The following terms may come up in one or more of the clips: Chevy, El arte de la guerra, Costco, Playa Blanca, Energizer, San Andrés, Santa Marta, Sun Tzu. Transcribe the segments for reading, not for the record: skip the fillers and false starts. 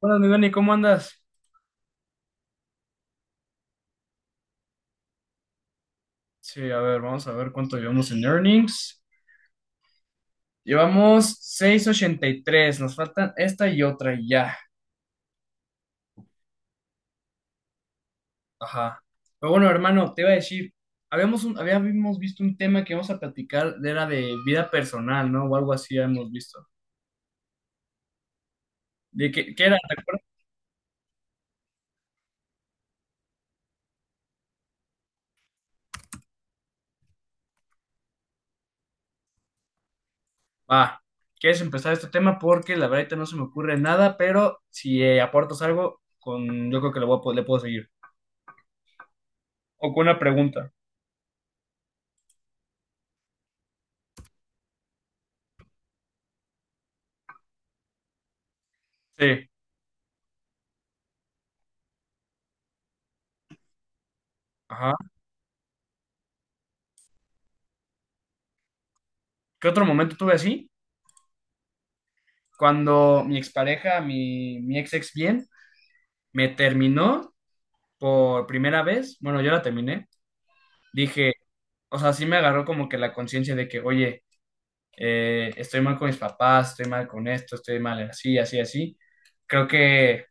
Buenas, mi Dani, ¿cómo andas? Sí, a ver, vamos a ver cuánto llevamos en earnings. Llevamos 683. Nos faltan esta y otra y ya. Ajá. Pero bueno, hermano, te iba a decir, habíamos visto un tema que íbamos a platicar, era de vida personal, ¿no? O algo así hemos visto. ¿De qué era? ¿Te acuerdas? Va, ¿quieres empezar este tema? Porque la verdad ahorita no se me ocurre nada, pero si aportas algo, con, yo creo que le, le puedo seguir. O con una pregunta. Sí. Ajá. ¿Qué otro momento tuve así? Cuando mi expareja, mi ex bien, me terminó por primera vez, bueno, yo la terminé, dije, o sea, sí me agarró como que la conciencia de que, oye, estoy mal con mis papás, estoy mal con esto, estoy mal así, así, así. Creo que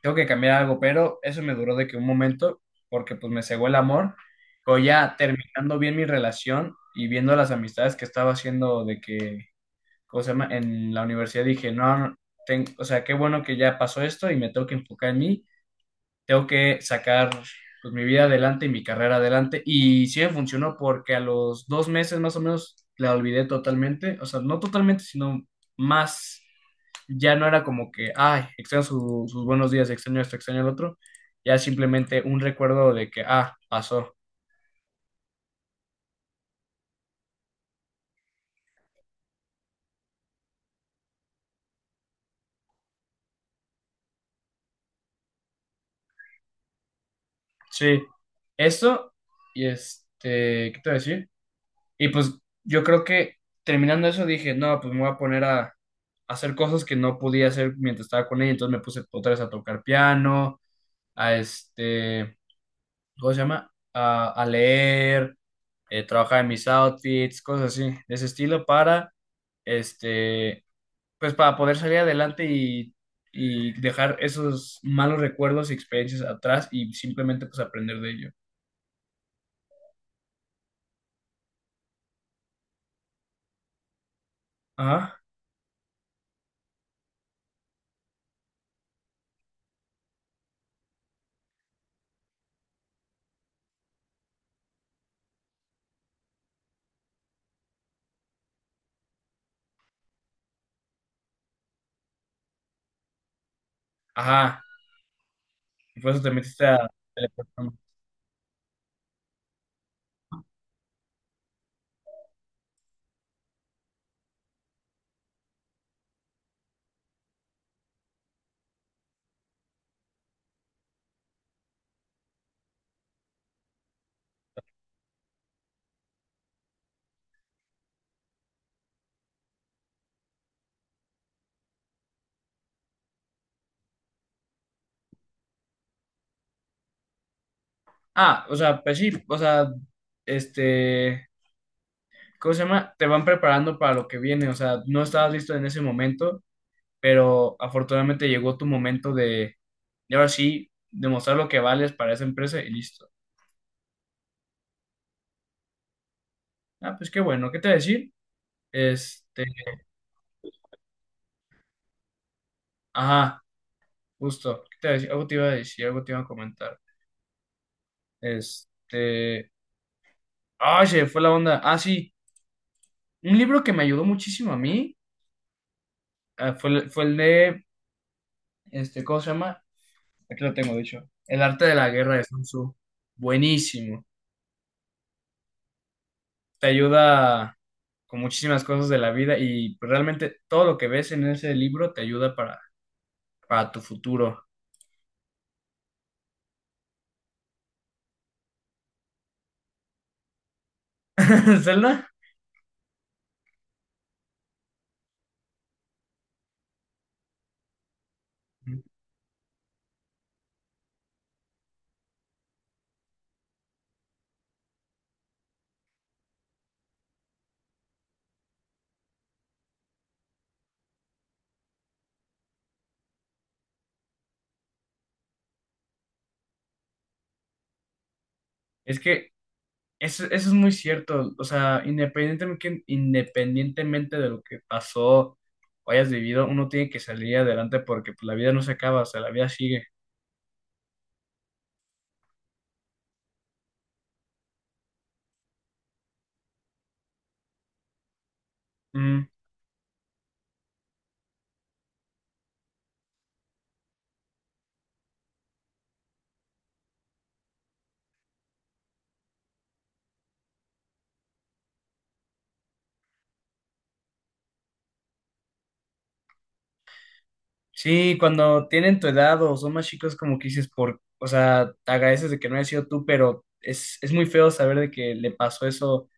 tengo que cambiar algo, pero eso me duró de que un momento, porque pues me cegó el amor, pero ya terminando bien mi relación y viendo las amistades que estaba haciendo de que ¿cómo se llama? En la universidad dije, no, no, o sea, qué bueno que ya pasó esto y me tengo que enfocar en mí, tengo que sacar pues, mi vida adelante y mi carrera adelante. Y sí me funcionó porque a los 2 meses más o menos la olvidé totalmente, o sea, no totalmente, sino más, ya no era como que, ay, extraño sus buenos días, extraño esto, extraño el otro, ya simplemente un recuerdo de que, ah, pasó. Sí, eso y ¿qué te voy a decir? Y pues yo creo que terminando eso dije, no, pues me voy a poner a hacer cosas que no podía hacer mientras estaba con ella. Entonces me puse otra vez a tocar piano, a ¿cómo se llama? A leer, trabajar en mis outfits, cosas así, de ese estilo para, este, pues para poder salir adelante y dejar esos malos recuerdos y experiencias atrás y simplemente pues aprender de ello. Ajá, ajá. Y por eso te metiste a... Ah, o sea, pues sí, o sea, este, ¿cómo se llama? Te van preparando para lo que viene, o sea, no estabas listo en ese momento, pero afortunadamente llegó tu momento de ahora sí, demostrar lo que vales para esa empresa y listo. Ah, pues qué bueno, ¿qué te iba a decir? Este, ajá, justo, ¿qué te iba a decir? Algo te iba a decir, algo te iba a comentar. Este, ay, se me fue la onda. Ah, sí, un libro que me ayudó muchísimo a mí, ah, fue, fue el de, ¿cómo se llama? Aquí lo tengo, dicho. El arte de la guerra de Sun Tzu. Buenísimo. Te ayuda con muchísimas cosas de la vida y pues, realmente todo lo que ves en ese libro te ayuda para tu futuro. Zelda, es que eso es muy cierto. O sea, independientemente de lo que pasó o hayas vivido, uno tiene que salir adelante porque pues, la vida no se acaba, o sea, la vida sigue. Mm. Sí, cuando tienen tu edad o son más chicos, como que dices, o sea, te agradeces de que no haya sido tú, pero es muy feo saber de que le pasó eso.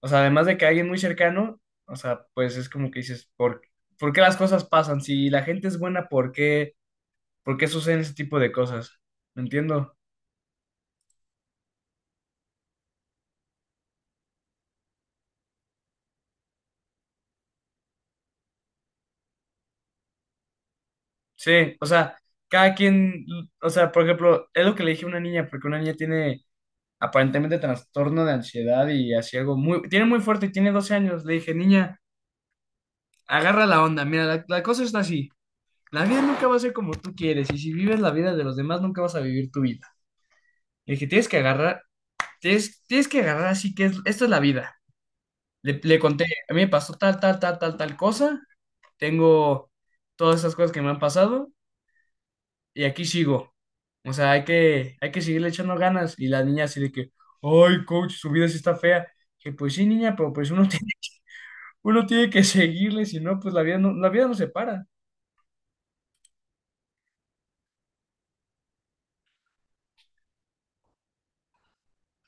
O sea, además de que a alguien muy cercano, o sea, pues es como que dices, por qué las cosas pasan? Si la gente es buena, por qué suceden ese tipo de cosas? ¿Me entiendo? Sí, o sea, cada quien, o sea, por ejemplo, es lo que le dije a una niña, porque una niña tiene aparentemente trastorno de ansiedad y así algo muy, tiene muy fuerte y tiene 12 años. Le dije, niña. Agarra la onda. Mira, la cosa está así. La vida nunca va a ser como tú quieres y si vives la vida de los demás nunca vas a vivir tu vida. El que tienes que agarrar, tienes que agarrar así que esta es la vida. Le conté, a mí me pasó tal, tal, tal, tal, tal cosa. Tengo todas esas cosas que me han pasado y aquí sigo. O sea, hay que seguirle echando ganas. Y la niña así de que, ay, coach, su vida sí está fea. Que pues sí, niña, pero pues uno tiene, uno tiene que seguirle, si no, pues la vida no se para.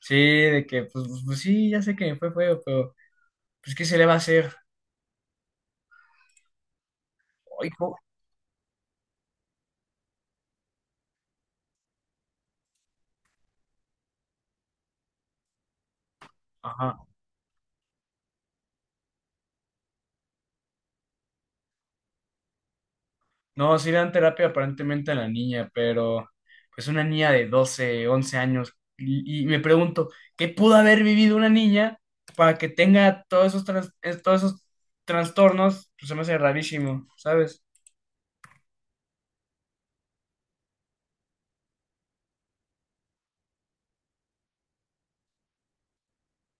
Sí, de que, pues sí, ya sé que me fue feo, pero, pues, ¿qué se le va a hacer? Ay. Ajá. No, sí le dan terapia aparentemente a la niña, pero, pues, una niña de 12 11 años. Y me pregunto, ¿qué pudo haber vivido una niña para que tenga todos esos, todos esos trastornos? Pues se me hace rarísimo, ¿sabes?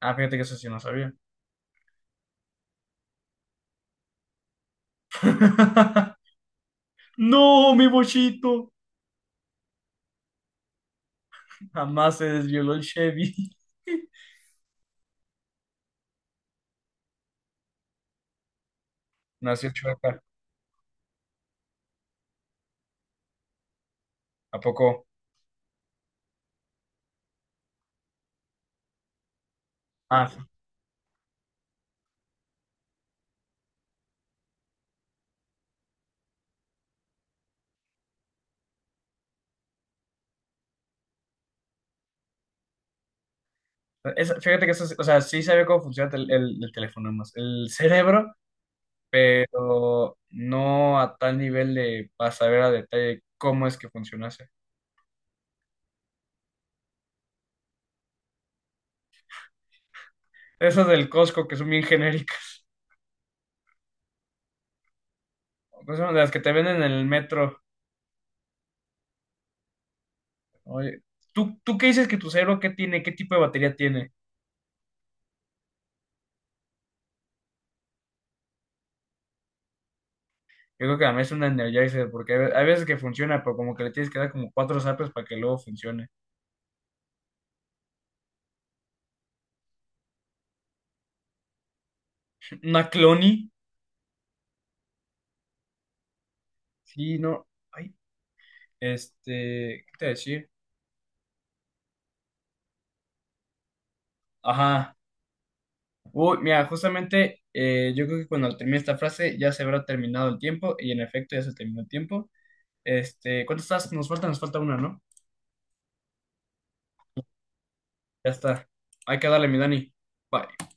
Ah, fíjate que eso sí no sabía. No, mi bochito. Jamás se desvioló el Chevy. Nació chueca. ¿A poco? Ah. Fíjate que eso, o sea, sí sabía cómo funciona el teléfono más, el cerebro, pero no a tal nivel de para saber a detalle cómo es que funcionase. Esas del Costco que son bien genéricas, pues son de las que te venden en el metro. Oye, ¿tú qué dices que tu cerebro qué tiene? ¿Qué tipo de batería tiene? Yo creo que a mí es una Energizer, porque hay veces que funciona, pero como que le tienes que dar como cuatro zapes para que luego funcione. Una Cloni, sí, no, ay, ¿qué te voy a decir? Ajá. Uy, mira, justamente yo creo que cuando termine esta frase ya se habrá terminado el tiempo y en efecto ya se terminó el tiempo. ¿Cuántas estás? Nos falta una, ¿no? Ya está. Hay que darle, mi Dani. Bye.